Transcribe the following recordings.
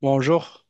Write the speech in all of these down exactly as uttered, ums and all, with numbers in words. Bonjour.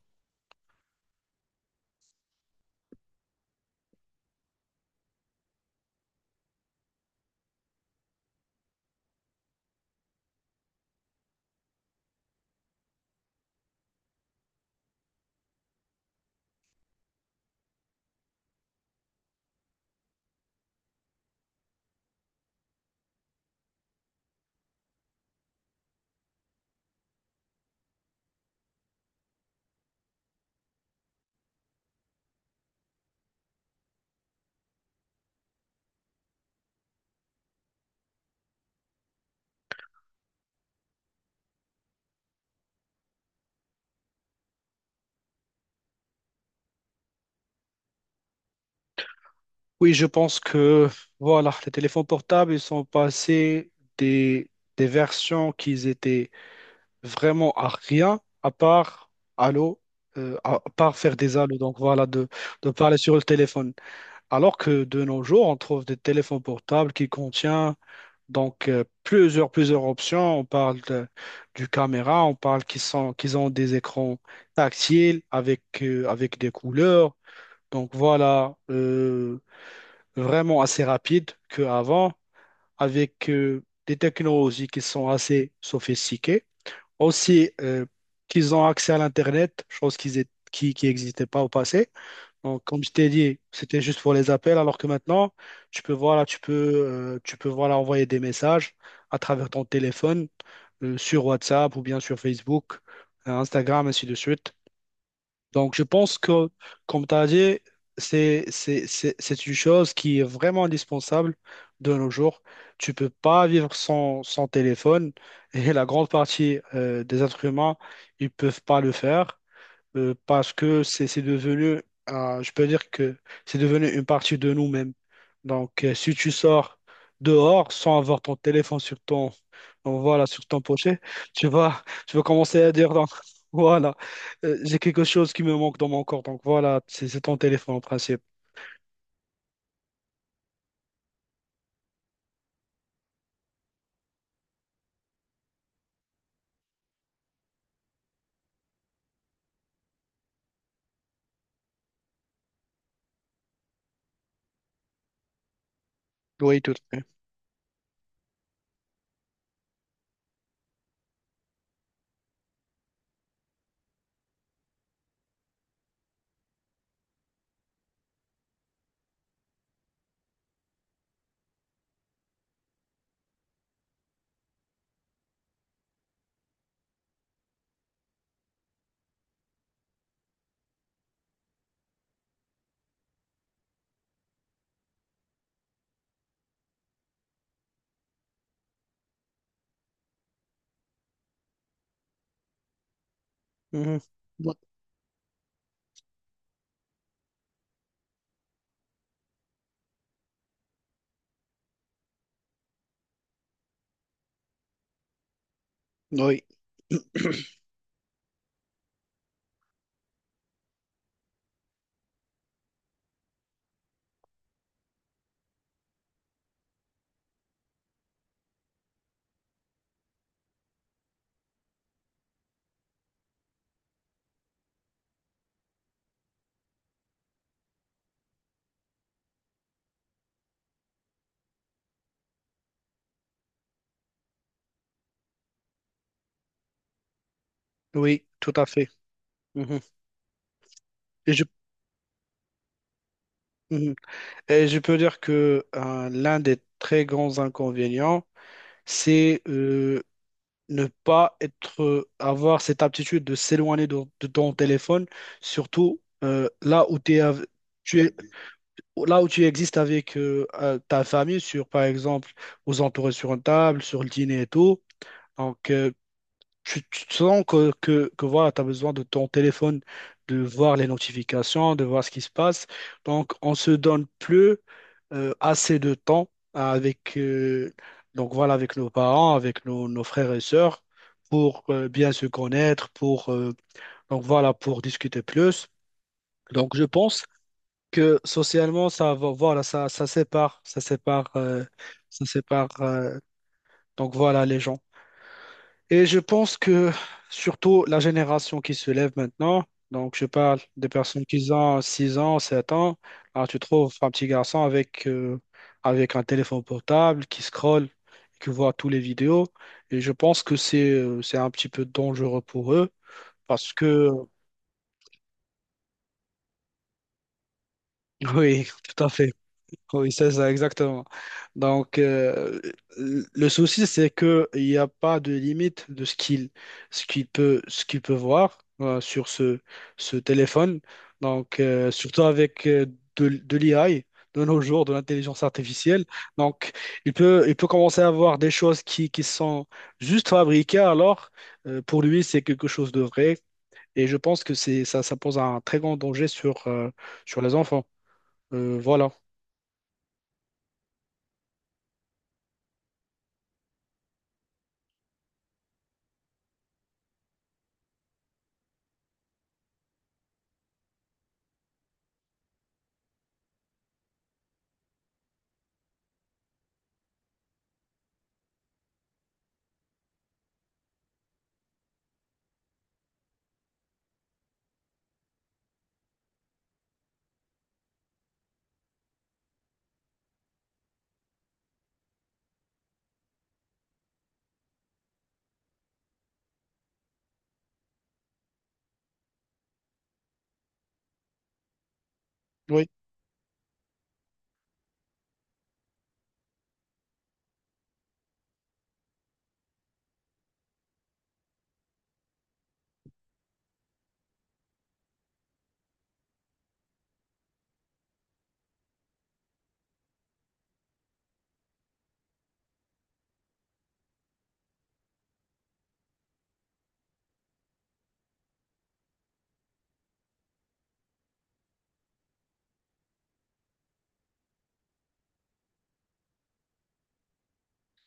Oui, je pense que voilà, les téléphones portables, ils sont passés des, des versions qu'ils étaient vraiment à rien, à part allô, euh, à, à part faire des allô, donc voilà, de, de parler sur le téléphone. Alors que de nos jours, on trouve des téléphones portables qui contiennent donc euh, plusieurs, plusieurs options. On parle de- du caméra, on parle qu'ils sont, qu'ils ont des écrans tactiles avec, euh, avec des couleurs. Donc voilà. Euh, vraiment assez rapide qu'avant, avec euh, des technologies qui sont assez sophistiquées. Aussi, euh, qu'ils ont accès à l'Internet, chose qu'ils étaient- qui, qui n'existait pas au passé. Donc, comme je t'ai dit, c'était juste pour les appels, alors que maintenant, tu peux, voilà, tu peux, euh, tu peux voilà, envoyer des messages à travers ton téléphone, euh, sur WhatsApp ou bien sur Facebook, euh, Instagram, ainsi de suite. Donc, je pense que, comme tu as dit, c'est, c'est, c'est, c'est une chose qui est vraiment indispensable de nos jours. Tu peux pas vivre sans, sans téléphone et la grande partie euh, des êtres humains, ils peuvent pas le faire euh, parce que c'est c'est devenu, euh, je peux dire que c'est devenu une partie de nous-mêmes. Donc, euh, si tu sors dehors sans avoir ton téléphone sur ton, donc voilà, sur ton pochet, tu vas, tu vas commencer à dire, donc, voilà, euh, j'ai quelque chose qui me manque dans mon corps. Donc, voilà, c'est c'est ton téléphone en principe. Oui, tout à fait. Mhm. Oui, oui, tout à fait. Mhm. Et je, mhm. Et je peux dire que euh, l'un des très grands inconvénients, c'est euh, ne pas être, avoir cette aptitude de s'éloigner de, de ton téléphone, surtout euh, là où t'es av- tu es, là où tu existes avec euh, euh, ta famille, sur, par exemple, vous entourez sur une table, sur le dîner et tout. Donc, euh, tu, tu te sens que, que, que voilà, tu as besoin de ton téléphone, de voir les notifications, de voir ce qui se passe. Donc, on se donne plus euh, assez de temps avec, euh, donc voilà, avec nos parents, avec nos, nos frères et sœurs pour euh, bien se connaître, pour, euh, donc voilà, pour discuter plus. Donc, je pense que socialement, ça, va- voilà, ça, ça sépare, ça sépare, euh, ça sépare, euh, donc voilà, les gens. Et je pense que surtout la génération qui se lève maintenant, donc je parle des personnes qui ont six ans, sept ans, alors tu trouves un petit garçon avec, euh, avec un téléphone portable qui scrolle, qui voit toutes les vidéos. Et je pense que c'est euh, c'est un petit peu dangereux pour eux parce que, oui, tout à fait. Oui, c'est ça, exactement. Donc, euh, le souci, c'est que il n'y a pas de limite de ce qu'il ce qu'il peut, ce qu'il peut voir euh, sur ce, ce téléphone. Donc, euh, surtout avec euh, de, de l'I A, de nos jours, de l'intelligence artificielle. Donc, il peut, il peut commencer à voir des choses qui, qui sont juste fabriquées, alors euh, pour lui, c'est quelque chose de vrai. Et je pense que c'est, ça, ça pose un très grand danger sur, euh, sur les enfants. Euh, voilà. Oui.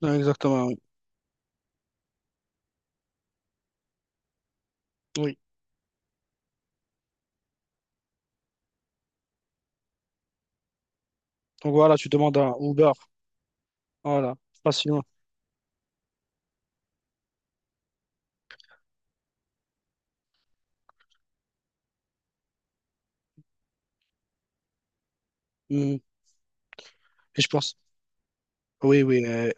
Ouais, exactement, oui. Oui. Donc voilà, tu demandes un Uber. Voilà, facilement. Mm. Et je pense, oui, oui. euh,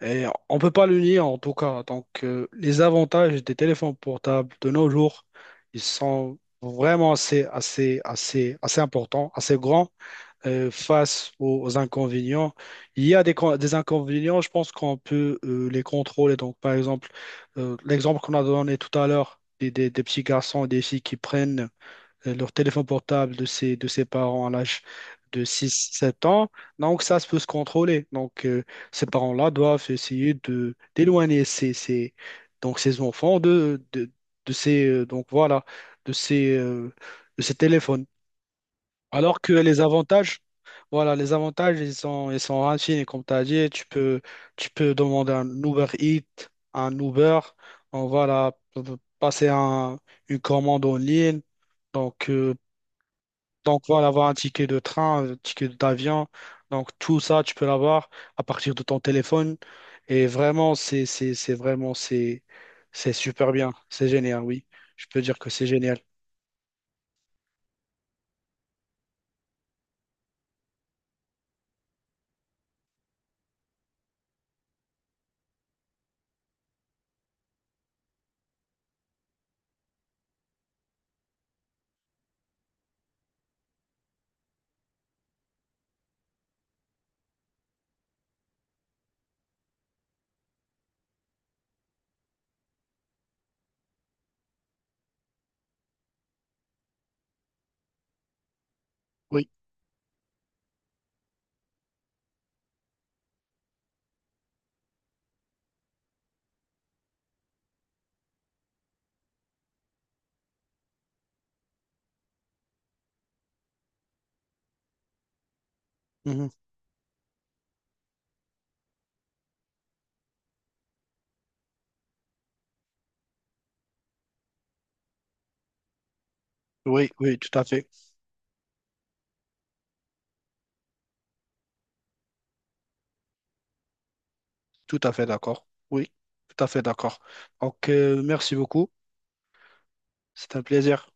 Et on peut pas le nier en tout cas. Donc, euh, les avantages des téléphones portables de nos jours, ils sont vraiment assez, assez, assez, assez importants, assez grands euh, face aux, aux inconvénients. Il y a des, con- Des inconvénients, je pense qu'on peut euh, les contrôler. Donc, par exemple, euh, l'exemple qu'on a donné tout à l'heure, des, des, des petits garçons et des filles qui prennent euh, leur téléphone portable de ses, de ses parents à l'âge de six sept ans. Donc, ça se peut se contrôler. Donc, euh, ces parents-là doivent essayer de d'éloigner ces, ces- donc, ces enfants de, de, de ces, euh, donc, voilà, de ces, euh, de ces téléphones. Alors que les avantages, voilà, les avantages, ils sont, ils sont infinis. Comme tu as dit, tu peux, tu peux demander un Uber Eats, un Uber, on voilà, passer un, une commande en ligne. Donc, euh, donc voilà, avoir un ticket de train, un ticket d'avion. Donc tout ça, tu peux l'avoir à partir de ton téléphone. Et vraiment, c'est, c'est, c'est vraiment, c'est, c'est super bien. C'est génial, oui. Je peux dire que c'est génial. Oui. Mhm. Oui, oui, tout à fait. Tout à fait d'accord. Oui, tout à fait d'accord. Donc, euh, merci beaucoup. C'est un plaisir.